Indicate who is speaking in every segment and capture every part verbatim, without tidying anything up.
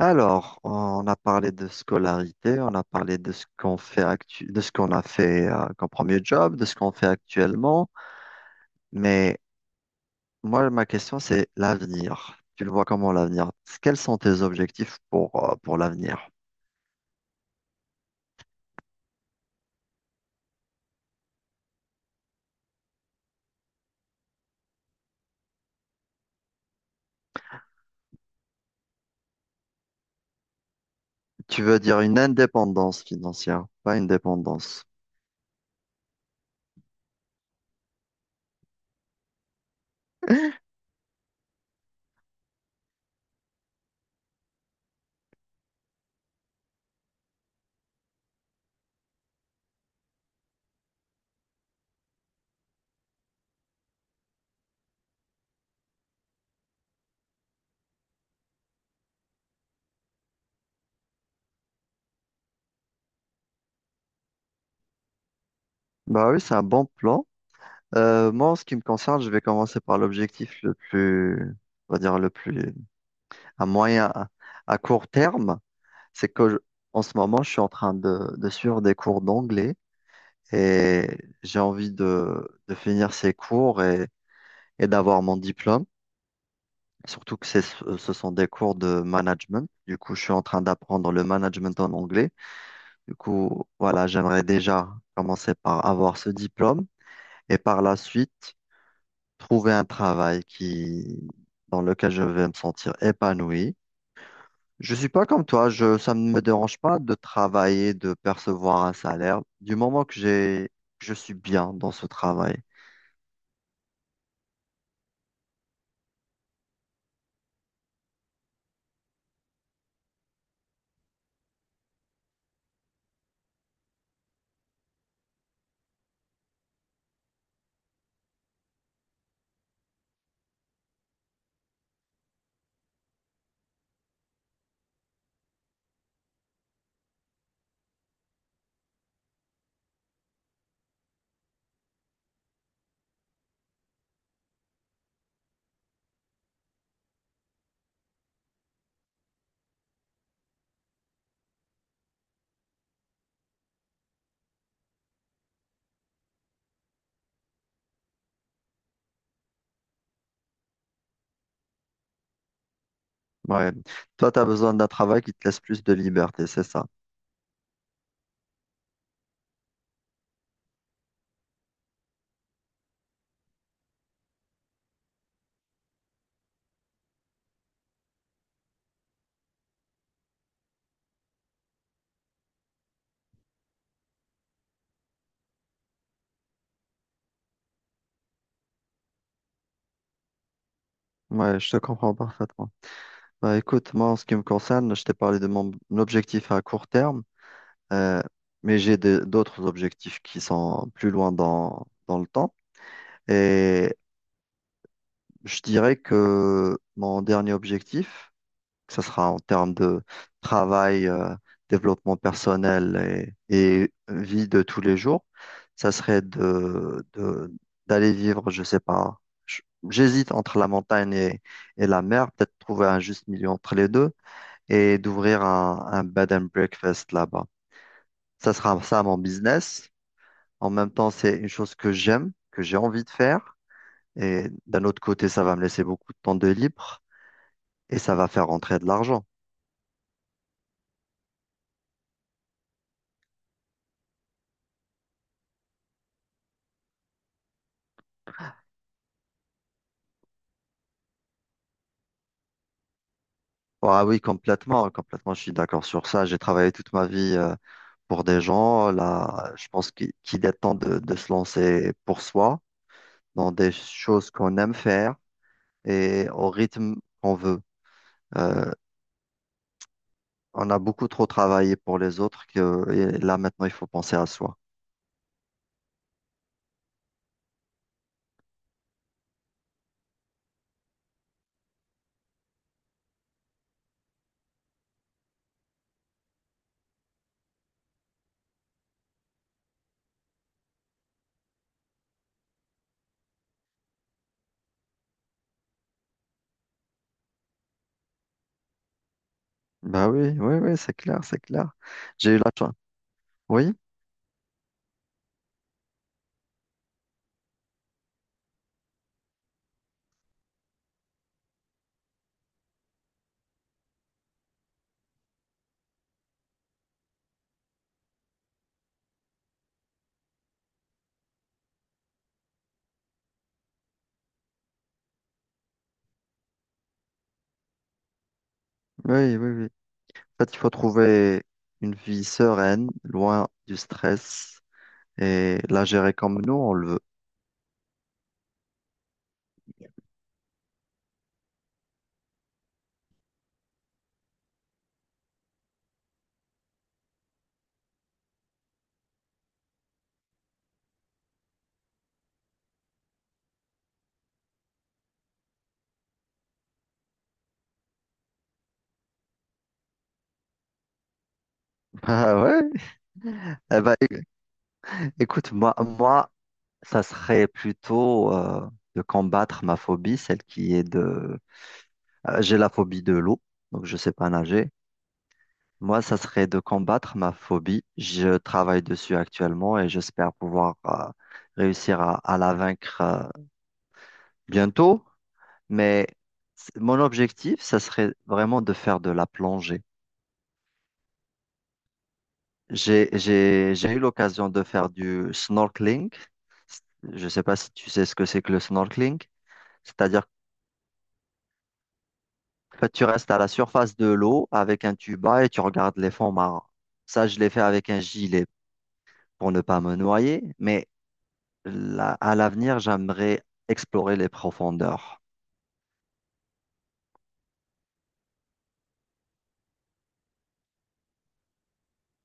Speaker 1: Alors, on a parlé de scolarité, on a parlé de ce qu'on fait actu- de ce qu'on a fait euh, comme premier job, de ce qu'on fait actuellement. Mais moi, ma question, c'est l'avenir. Tu le vois comment l'avenir? Quels sont tes objectifs pour, euh, pour l'avenir? Tu veux dire une indépendance financière, pas une dépendance. Bah oui, c'est un bon plan. Euh, moi, en ce qui me concerne, je vais commencer par l'objectif le plus, on va dire le plus, à moyen, à à court terme. c'est que je- En ce moment, je suis en train de, de suivre des cours d'anglais et j'ai envie de, de finir ces cours et, et d'avoir mon diplôme. Surtout que c'est, ce sont des cours de management. Du coup, je suis en train d'apprendre le management en anglais. Du coup, voilà, j'aimerais déjà commencer par avoir ce diplôme et par la suite trouver un travail qui, dans lequel je vais me sentir épanoui. Je suis pas comme toi, je, ça ne me dérange pas de travailler, de percevoir un salaire, du moment que j'ai, que je suis bien dans ce travail. Ouais. Toi, tu as besoin d'un travail qui te laisse plus de liberté, c'est ça. Ouais, je te comprends parfaitement. Bah, écoute, moi, en ce qui me concerne, je t'ai parlé de mon mon objectif à court terme, euh, mais j'ai de- d'autres objectifs qui sont plus loin dans, dans le temps. Et je dirais que mon dernier objectif, que ce sera en termes de travail, euh, développement personnel et, et vie de tous les jours, ça serait de, de- d'aller vivre, je sais pas, j- j'hésite entre la montagne et, et la mer, peut-être trouver un juste milieu entre les deux et d'ouvrir un, un bed and breakfast là-bas. Ça sera ça mon business. En même temps, c'est une chose que j'aime, que j'ai envie de faire. Et d'un autre côté, ça va me laisser beaucoup de temps de libre et ça va faire rentrer de l'argent. Ah oui, complètement, complètement, je suis d'accord sur ça. J'ai travaillé toute ma vie euh, pour des gens. Là, je pense qu'il qu'il est temps de, de se lancer pour soi dans des choses qu'on aime faire et au rythme qu'on veut. Euh, on a beaucoup trop travaillé pour les autres que et là maintenant il faut penser à soi. Bah oui, oui, oui, c'est clair, c'est clair. J'ai eu la chance. Oui, oui, oui, oui. En fait, il faut trouver une vie sereine, loin du stress, et la gérer comme nous, on le veut. Ah ouais? Eh ben, é- écoute, moi, moi, ça serait plutôt euh, de combattre ma phobie, celle qui est de... euh, j'ai la phobie de l'eau, donc je sais pas nager. Moi, ça serait de combattre ma phobie. Je travaille dessus actuellement et j'espère pouvoir euh, réussir à, à la vaincre. Euh, bientôt, mais c- mon objectif, ça serait vraiment de faire de la plongée. J'ai, j'ai, j'ai eu l'occasion de faire du snorkeling. Je ne sais pas si tu sais ce que c'est que le snorkeling. C'est-à-dire que tu restes à la surface de l'eau avec un tuba et tu regardes les fonds marins. Ça, je l'ai fait avec un gilet pour ne pas me noyer, mais là, à l'avenir, j'aimerais explorer les profondeurs.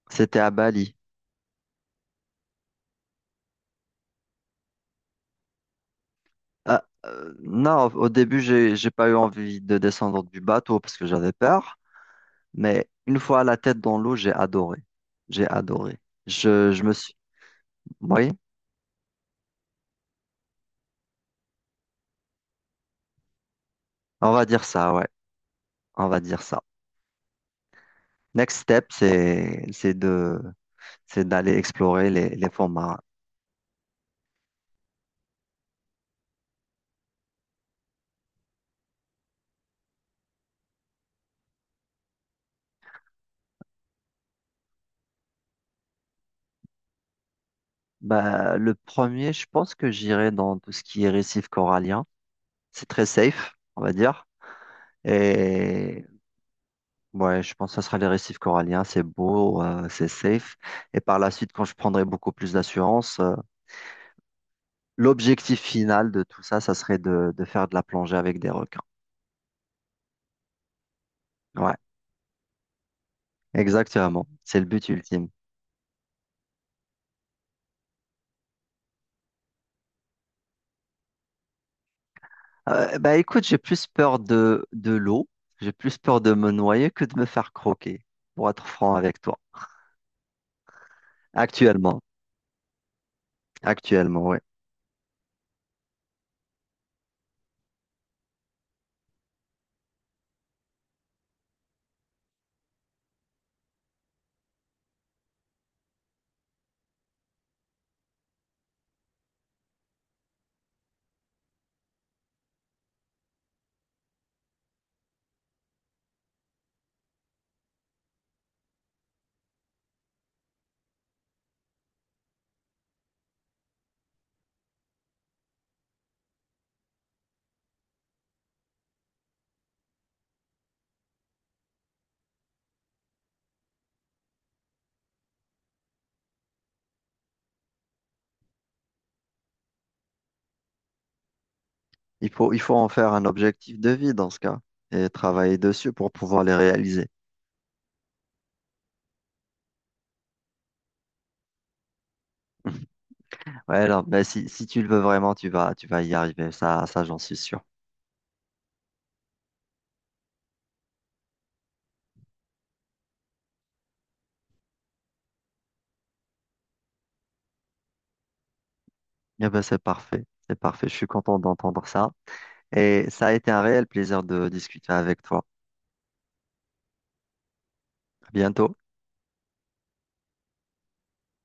Speaker 1: C'était à Bali. Ah, euh, non, au au début, j'ai, j'ai pas eu envie de descendre du bateau parce que j'avais peur, mais une fois la tête dans l'eau, j'ai adoré. J'ai adoré. Je, je me suis, oui, on va dire ça, ouais, on va dire ça. Next step, c'est, c'est de, c'est d'aller explorer les, les fonds marins. Bah, le premier, je pense que j'irai dans tout ce qui est récif corallien. C'est très safe, on va dire. Et ouais, je pense que ce sera les récifs coralliens, c'est beau, euh, c'est safe. Et par la suite, quand je prendrai beaucoup plus d'assurance, euh, l'objectif final de tout ça, ça serait de, de faire de la plongée avec des requins. Ouais, exactement. C'est le but ultime. Euh, bah écoute, j'ai plus peur de, de l'eau, j'ai plus peur de me noyer que de me faire croquer, pour être franc avec toi. Actuellement, actuellement, ouais. Il faut, il faut en faire un objectif de vie dans ce cas et travailler dessus pour pouvoir les réaliser. Ouais, alors, mais si, si tu le veux vraiment, tu vas, tu vas y arriver. Ça, ça, j'en suis sûr. Eh ben, c'est parfait. C'est parfait. Je suis content d'entendre ça. Et ça a été un réel plaisir de discuter avec toi. À bientôt.